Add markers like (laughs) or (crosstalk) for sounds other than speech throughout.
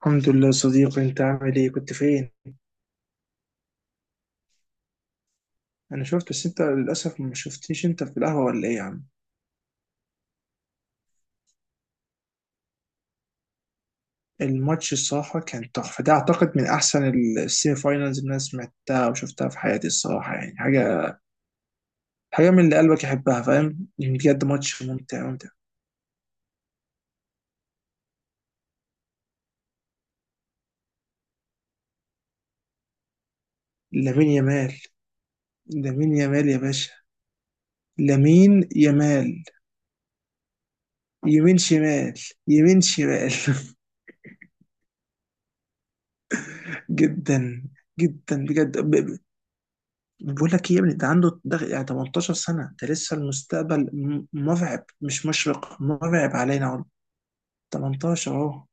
الحمد لله صديقي، انت عامل ايه؟ كنت فين؟ انا شفت بس انت للاسف ما شفتنيش. انت في القهوه ولا ايه يا عم؟ الماتش الصراحه كان تحفه، ده اعتقد من احسن السيمي فاينلز اللي انا سمعتها وشفتها في حياتي الصراحه. يعني حاجه، حاجه من اللي قلبك يحبها، فاهم يعني، بجد ماتش ممتع ممتع. لامين يامال، لامين يامال يا باشا. لامين يامال. يمين شمال. يمين شمال (laughs) جدا، جدا بجد. بقول لك ايه يا ابني، ده عنده ده يعني 18 سنة، ده لسه المستقبل مرعب، مش مشرق، مرعب علينا اهو. 18 اهو.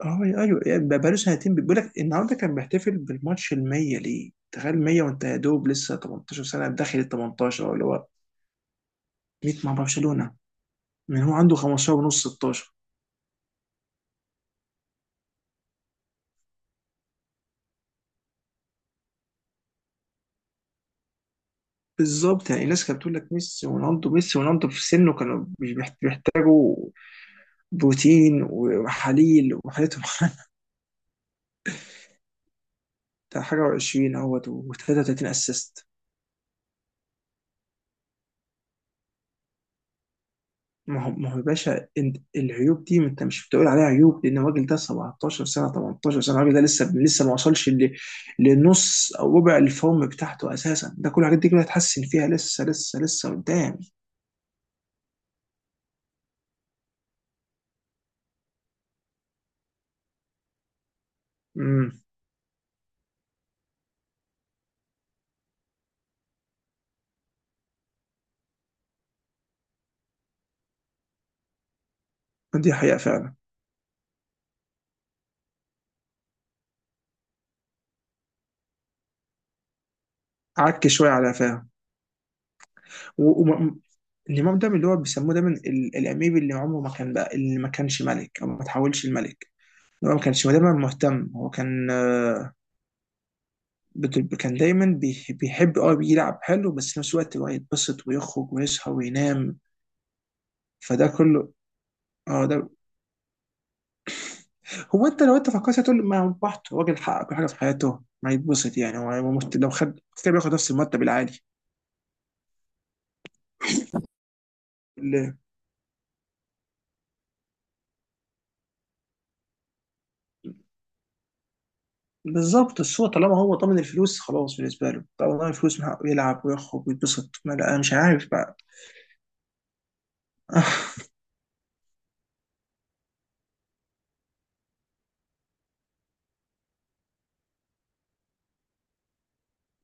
اه ايوه، يعني بقاله سنتين. بيقول لك النهارده كان بيحتفل بالماتش ال 100 ليه، تخيل 100، وانت يا دوب لسه 18 سنة، داخل ال 18 اهو اللي هو. 100 مع برشلونة. من هو عنده 15 ونص، 16. بالظبط، يعني الناس كانت بتقول لك ميسي ورونالدو، ميسي ورونالدو، في سنه كانوا بيحتاجوا بروتين وحليل وحالتهم (laughs) بتاع حاجة وعشرين اهوت و33 اسيست. ما هو، ما هو يا باشا انت، العيوب دي ما انت مش بتقول عليها عيوب، لان الراجل ده 17 سنة، 18 سنة، الراجل ده لسه لسه ما وصلش لنص او ربع الفورم بتاعته اساسا. ده كل الحاجات دي كلها هتحسن فيها لسه لسه لسه قدام. امم دي حقيقة فعلا. عك شوية على فاهم. النظام ده من اللي هو بيسموه دايما الاميب، اللي عمره ما كان بقى، اللي ما كانش ملك او ما تحولش الملك. هو ما كانش دايما مهتم. هو كان، كان دايما بيحب يلعب حلو، بس في نفس الوقت اللي هو يتبسط ويخرج ويصحى وينام. فده كله. اه ده هو. انت لو انت فكرت هتقول ما هو براحته، راجل حقق كل حاجه في حياته، ما يتبسط. يعني هو لو خد كده بياخد نفس المرتب العالي ال- بالظبط. الصوت طالما هو طمن الفلوس خلاص بالنسبه له، طالما الفلوس من حقه يلعب ويخرج ويتبسط، ما لا أنا مش عارف بقى. (laughs)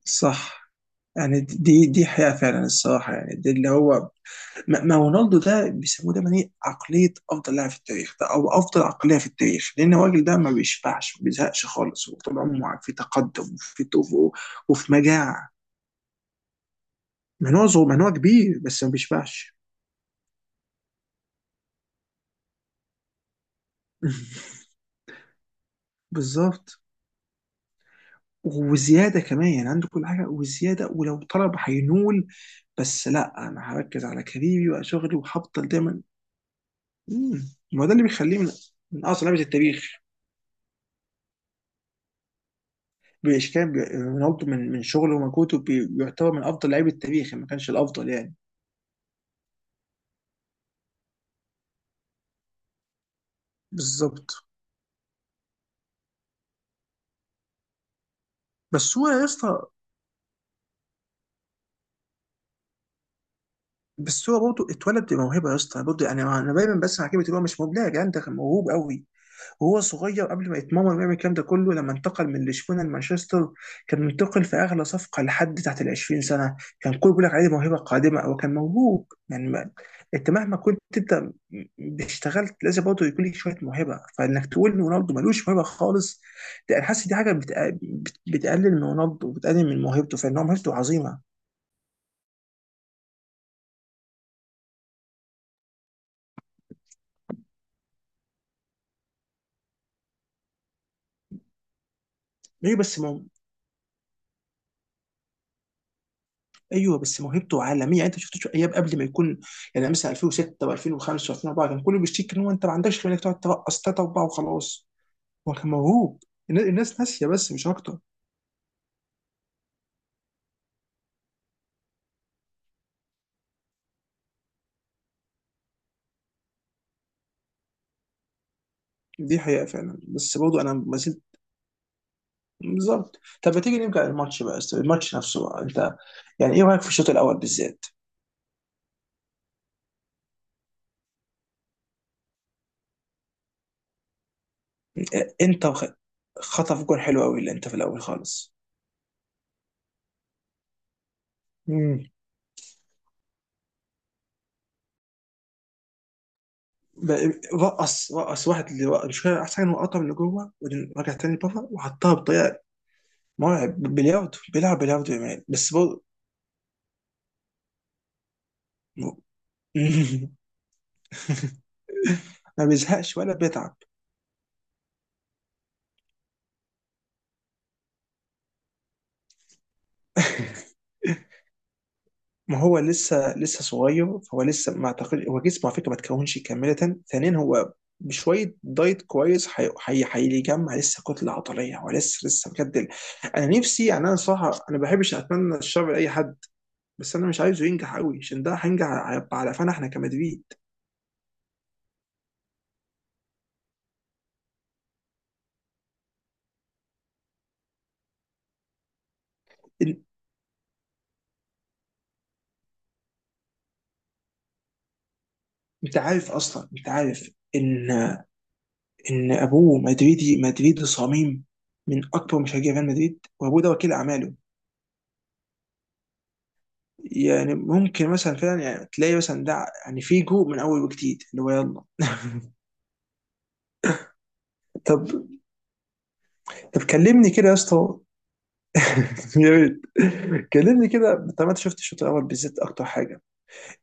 صح. يعني دي حياة فعلا الصراحة، يعني دي اللي هو، ما رونالدو ده بيسموه دايما ايه، عقليه افضل لاعب في التاريخ ده، او افضل عقليه في التاريخ، لان الراجل ده ما بيشبعش، ما بيزهقش خالص، هو طول عمره في تقدم وفي طفو وفي مجاعه. منوع صغير، منوع كبير، بس ما بيشبعش. (laughs) بالظبط. وزياده كمان، يعني عنده كل حاجه وزياده، ولو طلب هينول. بس لا، انا هركز على كاريري وشغلي، وهفضل دايما. مم. ما هو ده اللي بيخليه من اعظم لعبه التاريخ. بإشكال، رونالدو من شغله ومجهوده بيعتبر من أفضل لاعبي التاريخ، ما كانش الأفضل يعني. بالظبط. بس هو يا اسطى، بس هو برضه اتولد بموهبه يا اسطى برضه. يعني انا دايما بسمع كلمه اللي هو مش مبدع، يا جدعان ده كان موهوب قوي وهو صغير قبل ما يتمرن ويعمل الكلام ده كله. لما انتقل من لشبونه لمانشستر كان منتقل في اغلى صفقه لحد تحت ال 20 سنه. كان كل بيقول لك عليه موهبه قادمه، او كان موهوب يعني. ما انت مهما كنت انت اشتغلت لازم برضه يكون لك شويه موهبه، فانك تقول ان رونالدو ملوش موهبه خالص، ده انا حاسس دي حاجه بتقلل من رونالدو وبتقلل من موهبته، فان هو موهبته عظيمه. ليه بس؟ ايوه بس موهبته عالميه، يعني انت شفت ايام قبل ما يكون، يعني مثلا 2006 و2005 و2004 كان كله بيشتكي ان هو انت ما عندكش غير انك تقعد ترقص ثلاثه اربعه وخلاص. هو كان موهوب، الناس ناسيه بس، مش اكتر. دي حقيقه فعلا، بس برضه انا ما زلت. بالظبط، طب ما تيجي نرجع للماتش بقى، الماتش نفسه بقى. انت يعني ايه رايك في الشوط الاول بالذات؟ آه، خطف جول حلو قوي اللي انت في الاول خالص. امم. ب- رقص رقص واحد اللي مش فاهم، احسن حاجه انه قطع من اللي جوه وبعدين رجع تاني بره وحطها بطريقه مرعب. بلياردو، بيلعب بلياردو يا مان، بس (laughs) ما بيزهقش ولا بيتعب. (laughs) ما هو لسه لسه صغير، فهو لسه، ما اعتقد هو جسمه على فكره ما تكونش كامله. ثانيا هو بشويه دايت كويس هيجمع لسه كتله عضليه. هو لسه لسه بجد انا نفسي، يعني انا صراحه انا ما بحبش اتمنى الشر لاي حد، بس انا مش عايزه ينجح قوي، عشان ده هينجح هيبقى على قفانا احنا كمدريد. إن- انت عارف اصلا، انت عارف ان ابوه مدريدي، مدريدي صميم، من اكبر مشجعي ريال مدريد، وابوه ده وكيل اعماله. يعني ممكن مثلا فعلا، يعني تلاقي مثلا ده يعني فيجو من اول وجديد اللي هو يلا. (laughs) طب طب كلمني كده يا اسطى. (laughs) يا ريت، كلمني كده. طب انت شفت الشوط الاول بالذات اكتر حاجه،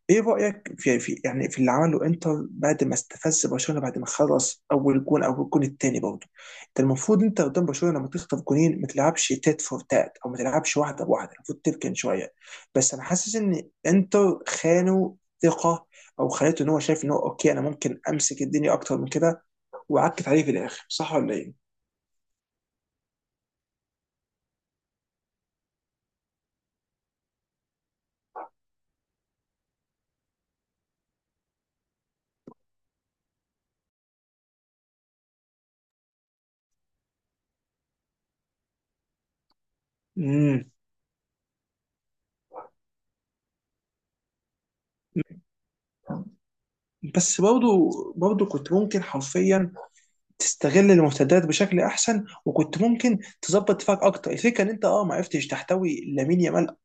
ايه رأيك في يعني في اللي عمله انتر بعد ما استفز برشلونة، بعد ما خلص اول جون او الجون الثاني برضه؟ انت المفروض، انت قدام برشلونة لما تخطف جونين ما تلعبش تات فور تات، او ما تلعبش واحدة بواحدة، المفروض تركن شوية. بس انا حاسس ان انتر خانوا ثقة، او خليته ان هو شايف ان هو اوكي، انا ممكن امسك الدنيا اكتر من كده، وعكت عليه في الاخر، صح ولا ايه؟ امم بس برضه كنت ممكن حرفيا تستغل المرتدات بشكل احسن، وكنت ممكن تظبط دفاعك اكتر. الفكره ان انت اه، ما عرفتش تحتوي لامين يامال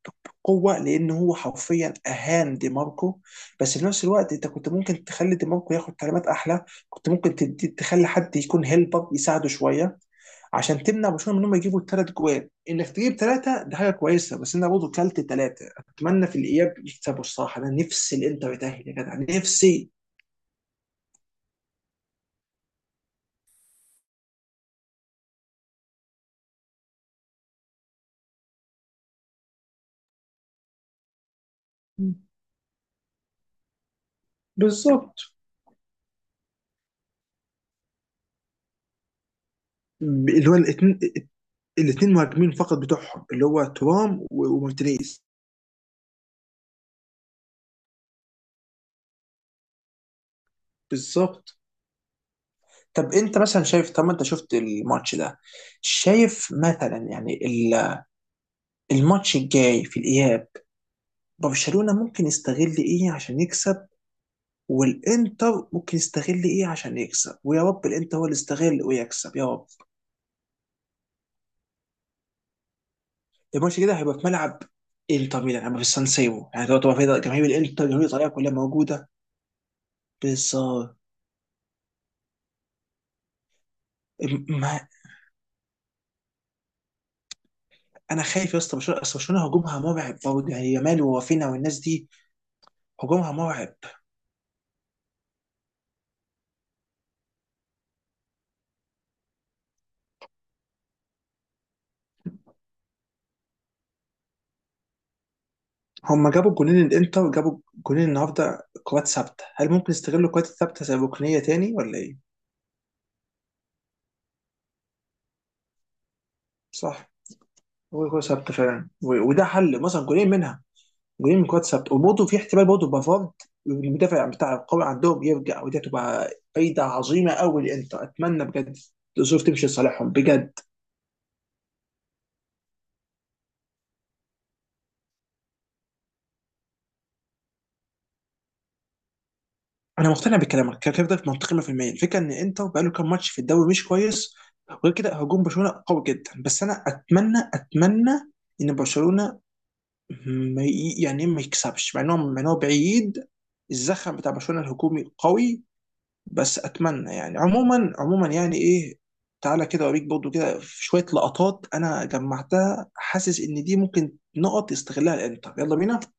بقوه، لان هو حرفيا اهان دي ماركو، بس في نفس الوقت انت كنت ممكن تخلي دي ماركو ياخد تعليمات احلى. كنت ممكن تدي، تخلي حد يكون هيلبر يساعده شويه، عشان تمنع برشلونه من انهم يجيبوا ثلاث جوال. انك تجيب ثلاثه ده حاجه كويسه، بس انا برضه كلت ثلاثه. اتمنى في الاياب يكسبوا الصراحه، انا نفسي الانتر يتاهل يا جدع، نفسي. بالظبط. اللي هو الاثنين مهاجمين فقط بتوعهم، اللي هو ترام ومارتينيز. بالظبط. طب انت مثلا شايف، طب ما انت شفت الماتش ده، شايف مثلا يعني الماتش الجاي في الاياب، برشلونة ممكن يستغل ايه عشان يكسب، والانتر ممكن يستغل ايه عشان يكسب؟ ويا رب الانتر هو اللي يستغل ويكسب يا رب. الماتش كده هيبقى في ملعب انتر ميلان، هيبقى في السان سيرو، يعني تبقى في جماهير الانتر، جماهير ايطاليا كلها موجودة. بالظبط. انا خايف يا اسطى، برشلونه، اصل برشلونه هجومها مرعب برضه، يعني يامال ووافينا والناس دي، هجومها مرعب. هم جابوا جونين، الانتر جابوا جونين النهارده كرات ثابته، هل ممكن يستغلوا الكرات الثابته زي ركنيه تاني ولا ايه؟ صح. هو كرات ثابته فعلا، وده حل، مثلا جونين منها، جونين من كرات ثابته. وبرضه في احتمال برضه بافارد المدافع بتاع القوي عندهم يرجع، ودي هتبقى فايده عظيمه قوي للانتر، اتمنى بجد الظروف تمشي لصالحهم بجد. انا مقتنع بكلامك، كلامك ده منطقي 100%. الفكره ان انتر بقاله كام ماتش في الدوري مش كويس، وغير كده هجوم برشلونه قوي جدا، بس انا اتمنى، اتمنى ان برشلونه ما ي- يعني ما يكسبش، مع انه مع إن هو بعيد، الزخم بتاع برشلونه الهجومي قوي، بس اتمنى يعني عموما عموما يعني ايه. تعالى كده اوريك برضه كده في شويه لقطات انا جمعتها، حاسس ان دي ممكن نقط يستغلها الانتر، يلا بينا.